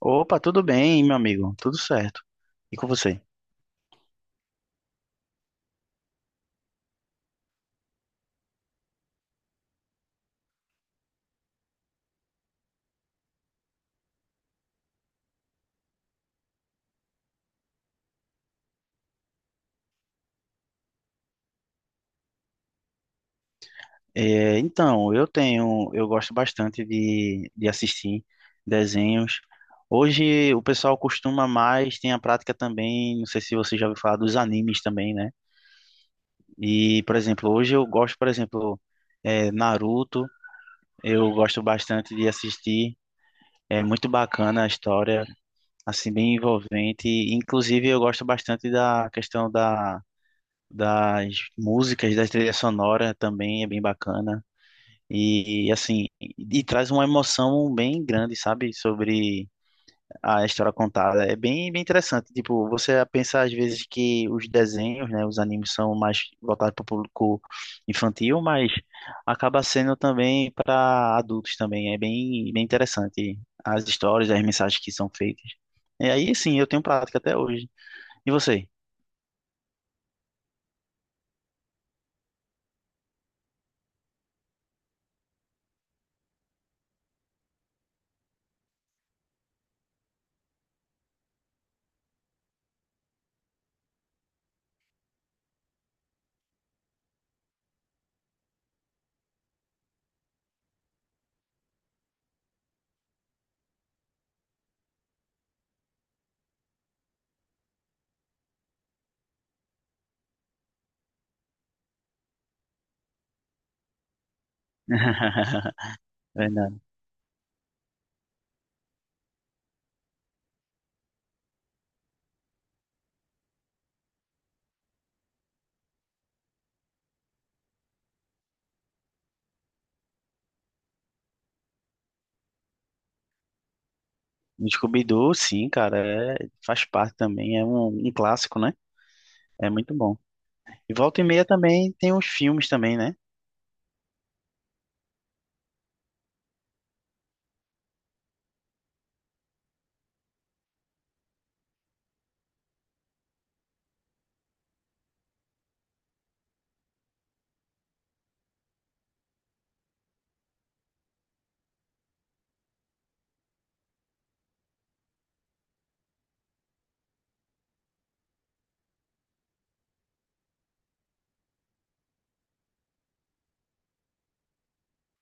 Opa, tudo bem, meu amigo? Tudo certo. E com você? Eu tenho, eu gosto bastante de assistir desenhos. Hoje o pessoal costuma mais, tem a prática também, não sei se você já ouviu falar dos animes também, né? E, por exemplo, hoje eu gosto, por exemplo, Naruto, eu gosto bastante de assistir. É muito bacana a história, assim, bem envolvente. Inclusive, eu gosto bastante da questão da das músicas, da trilha sonora também é bem bacana. E, e, assim, e, e traz uma emoção bem grande, sabe, sobre a história contada. É bem, bem interessante. Tipo, você pensa às vezes que os desenhos, né, os animes são mais voltados para o público infantil, mas acaba sendo também para adultos também. É bem, bem interessante as histórias, as mensagens que são feitas. E aí, sim, eu tenho prática até hoje. E você? Verdade. Scooby-Doo, sim, cara, faz parte também, é um clássico, né? É muito bom. E volta e meia também tem os filmes também, né?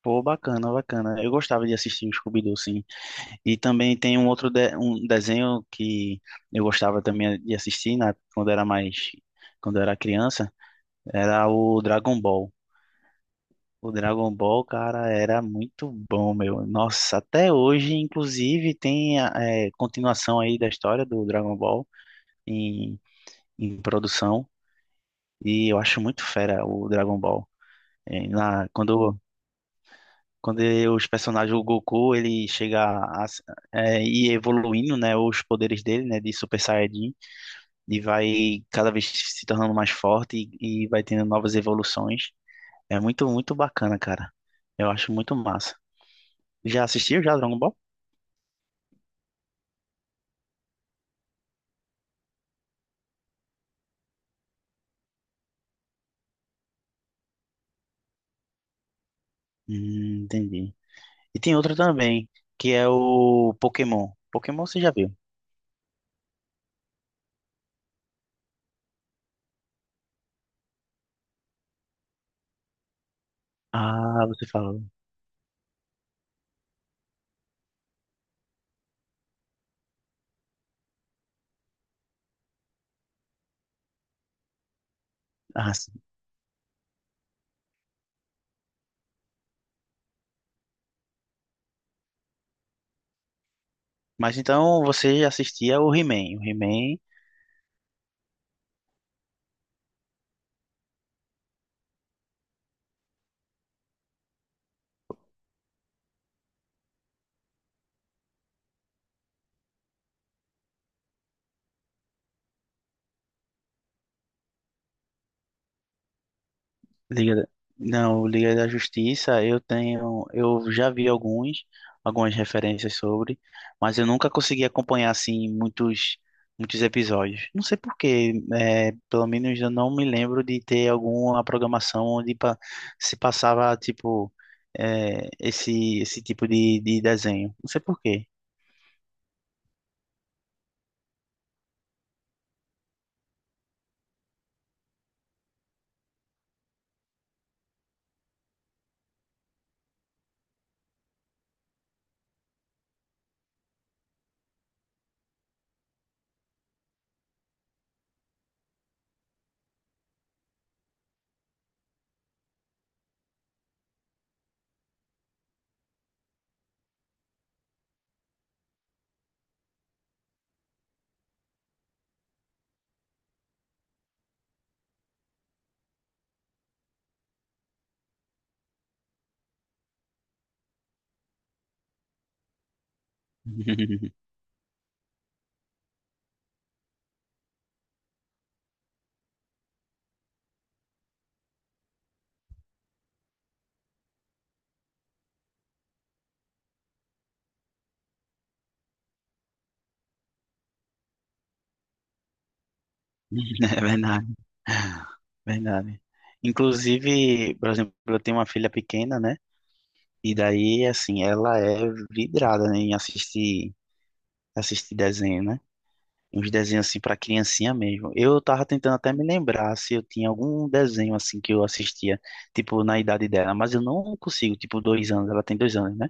Pô, bacana, bacana. Eu gostava de assistir o Scooby-Doo, sim. E também tem um outro um desenho que eu gostava também de assistir, né? Quando era mais, quando eu era criança, era o Dragon Ball. O Dragon Ball, cara, era muito bom, meu. Nossa, até hoje, inclusive, tem a continuação aí da história do Dragon Ball em, em produção. E eu acho muito fera o Dragon Ball. É, na, quando, quando os personagens, o Goku, ele chega a, ir evoluindo, né, os poderes dele, né, de Super Saiyajin, e vai cada vez se tornando mais forte e vai tendo novas evoluções. É muito, muito bacana, cara. Eu acho muito massa. Já assistiu já Dragon Ball? Entendi. E tem outra também, que é o Pokémon. Pokémon você já viu? Ah, você falou. Ah, sim. Mas então você já assistia o He-Man. O He-Man Liga, da- não, Liga da Justiça, eu tenho, eu já vi alguns, algumas referências sobre, mas eu nunca consegui acompanhar assim muitos, muitos episódios. Não sei por quê, pelo menos eu não me lembro de ter alguma programação onde se passava tipo esse tipo de desenho. Não sei por quê. É verdade, verdade. Inclusive, por exemplo, eu tenho uma filha pequena, né? E daí, assim, ela é vidrada, né, em assistir, assistir desenho, né? Uns desenhos, assim, pra criancinha mesmo. Eu tava tentando até me lembrar se eu tinha algum desenho, assim, que eu assistia, tipo, na idade dela, mas eu não consigo, tipo, dois anos, ela tem dois anos, né?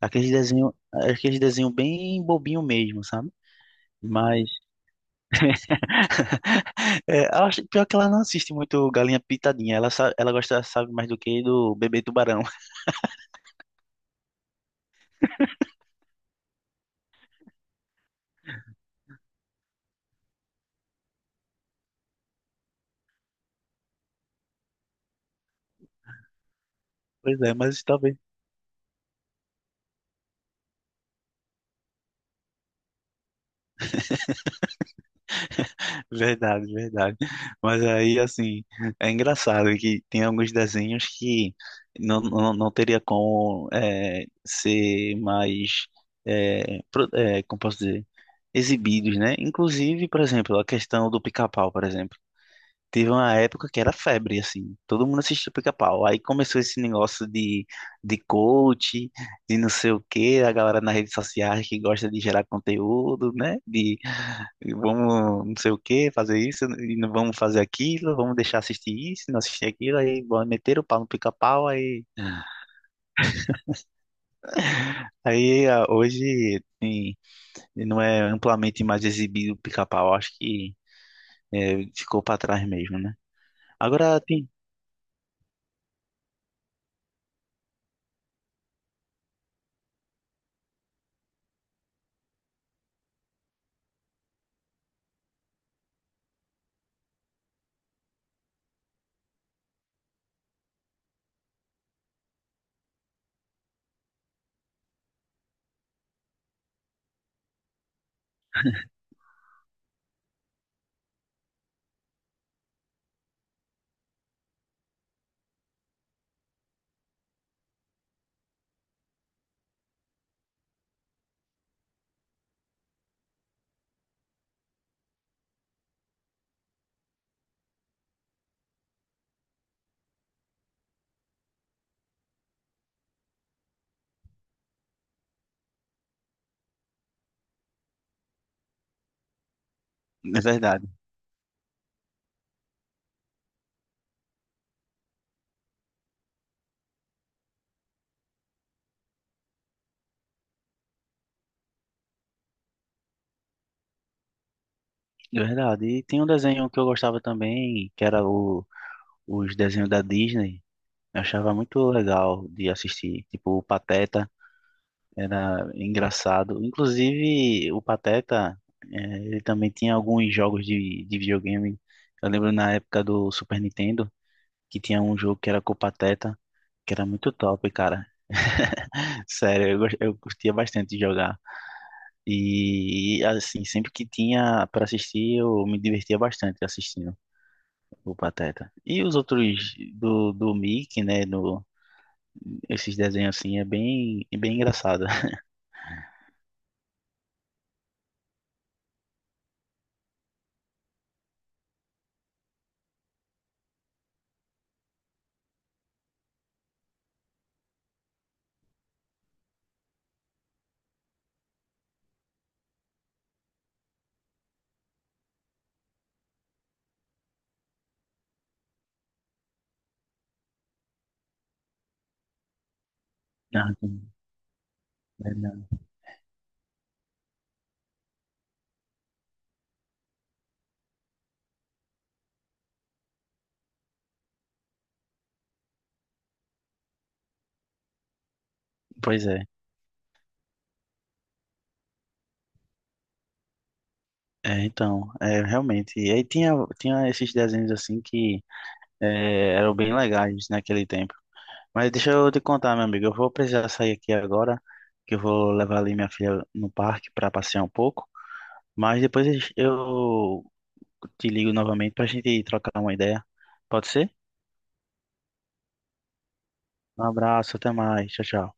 Aqueles desenho bem bobinho mesmo, sabe? Mas, eu acho, pior que ela não assiste muito Galinha Pitadinha, ela, ela gosta, sabe, mais do que do Bebê Tubarão. Pois é, mas talvez verdade, verdade. Mas aí, assim, é engraçado que tem alguns desenhos que não teria como ser mais, como posso dizer, exibidos, né? Inclusive, por exemplo, a questão do pica-pau, por exemplo. Teve uma época que era febre, assim. Todo mundo assistia Pica-Pau. Aí começou esse negócio de coach, de não sei o quê, a galera nas redes sociais que gosta de gerar conteúdo, né? De vamos não sei o quê, fazer isso, e não vamos fazer aquilo, vamos deixar assistir isso, não assistir aquilo. Aí bom, meteram o pau no Pica-Pau, aí hoje não é amplamente mais exibido o pica-pau, acho que ficou para trás mesmo, né? Agora tem, é verdade. É verdade. E tem um desenho que eu gostava também, que era os desenhos da Disney. Eu achava muito legal de assistir. Tipo, o Pateta era engraçado. Inclusive, o Pateta, ele também tinha alguns jogos de videogame. Eu lembro na época do Super Nintendo, que tinha um jogo que era com o Pateta, que era muito top, cara. Sério, eu, eu curtia bastante de jogar. E, assim, sempre que tinha para assistir, eu me divertia bastante assistindo. O Pateta. E os outros do, do Mickey, né? No, esses desenhos assim é bem, bem engraçado. Não, é, não. Pois é. Realmente. E aí tinha, tinha esses desenhos assim que eram bem legais naquele tempo. Mas deixa eu te contar, meu amigo. Eu vou precisar sair aqui agora, que eu vou levar ali minha filha no parque para passear um pouco. Mas depois eu te ligo novamente para a gente trocar uma ideia. Pode ser? Um abraço, até mais. Tchau, tchau.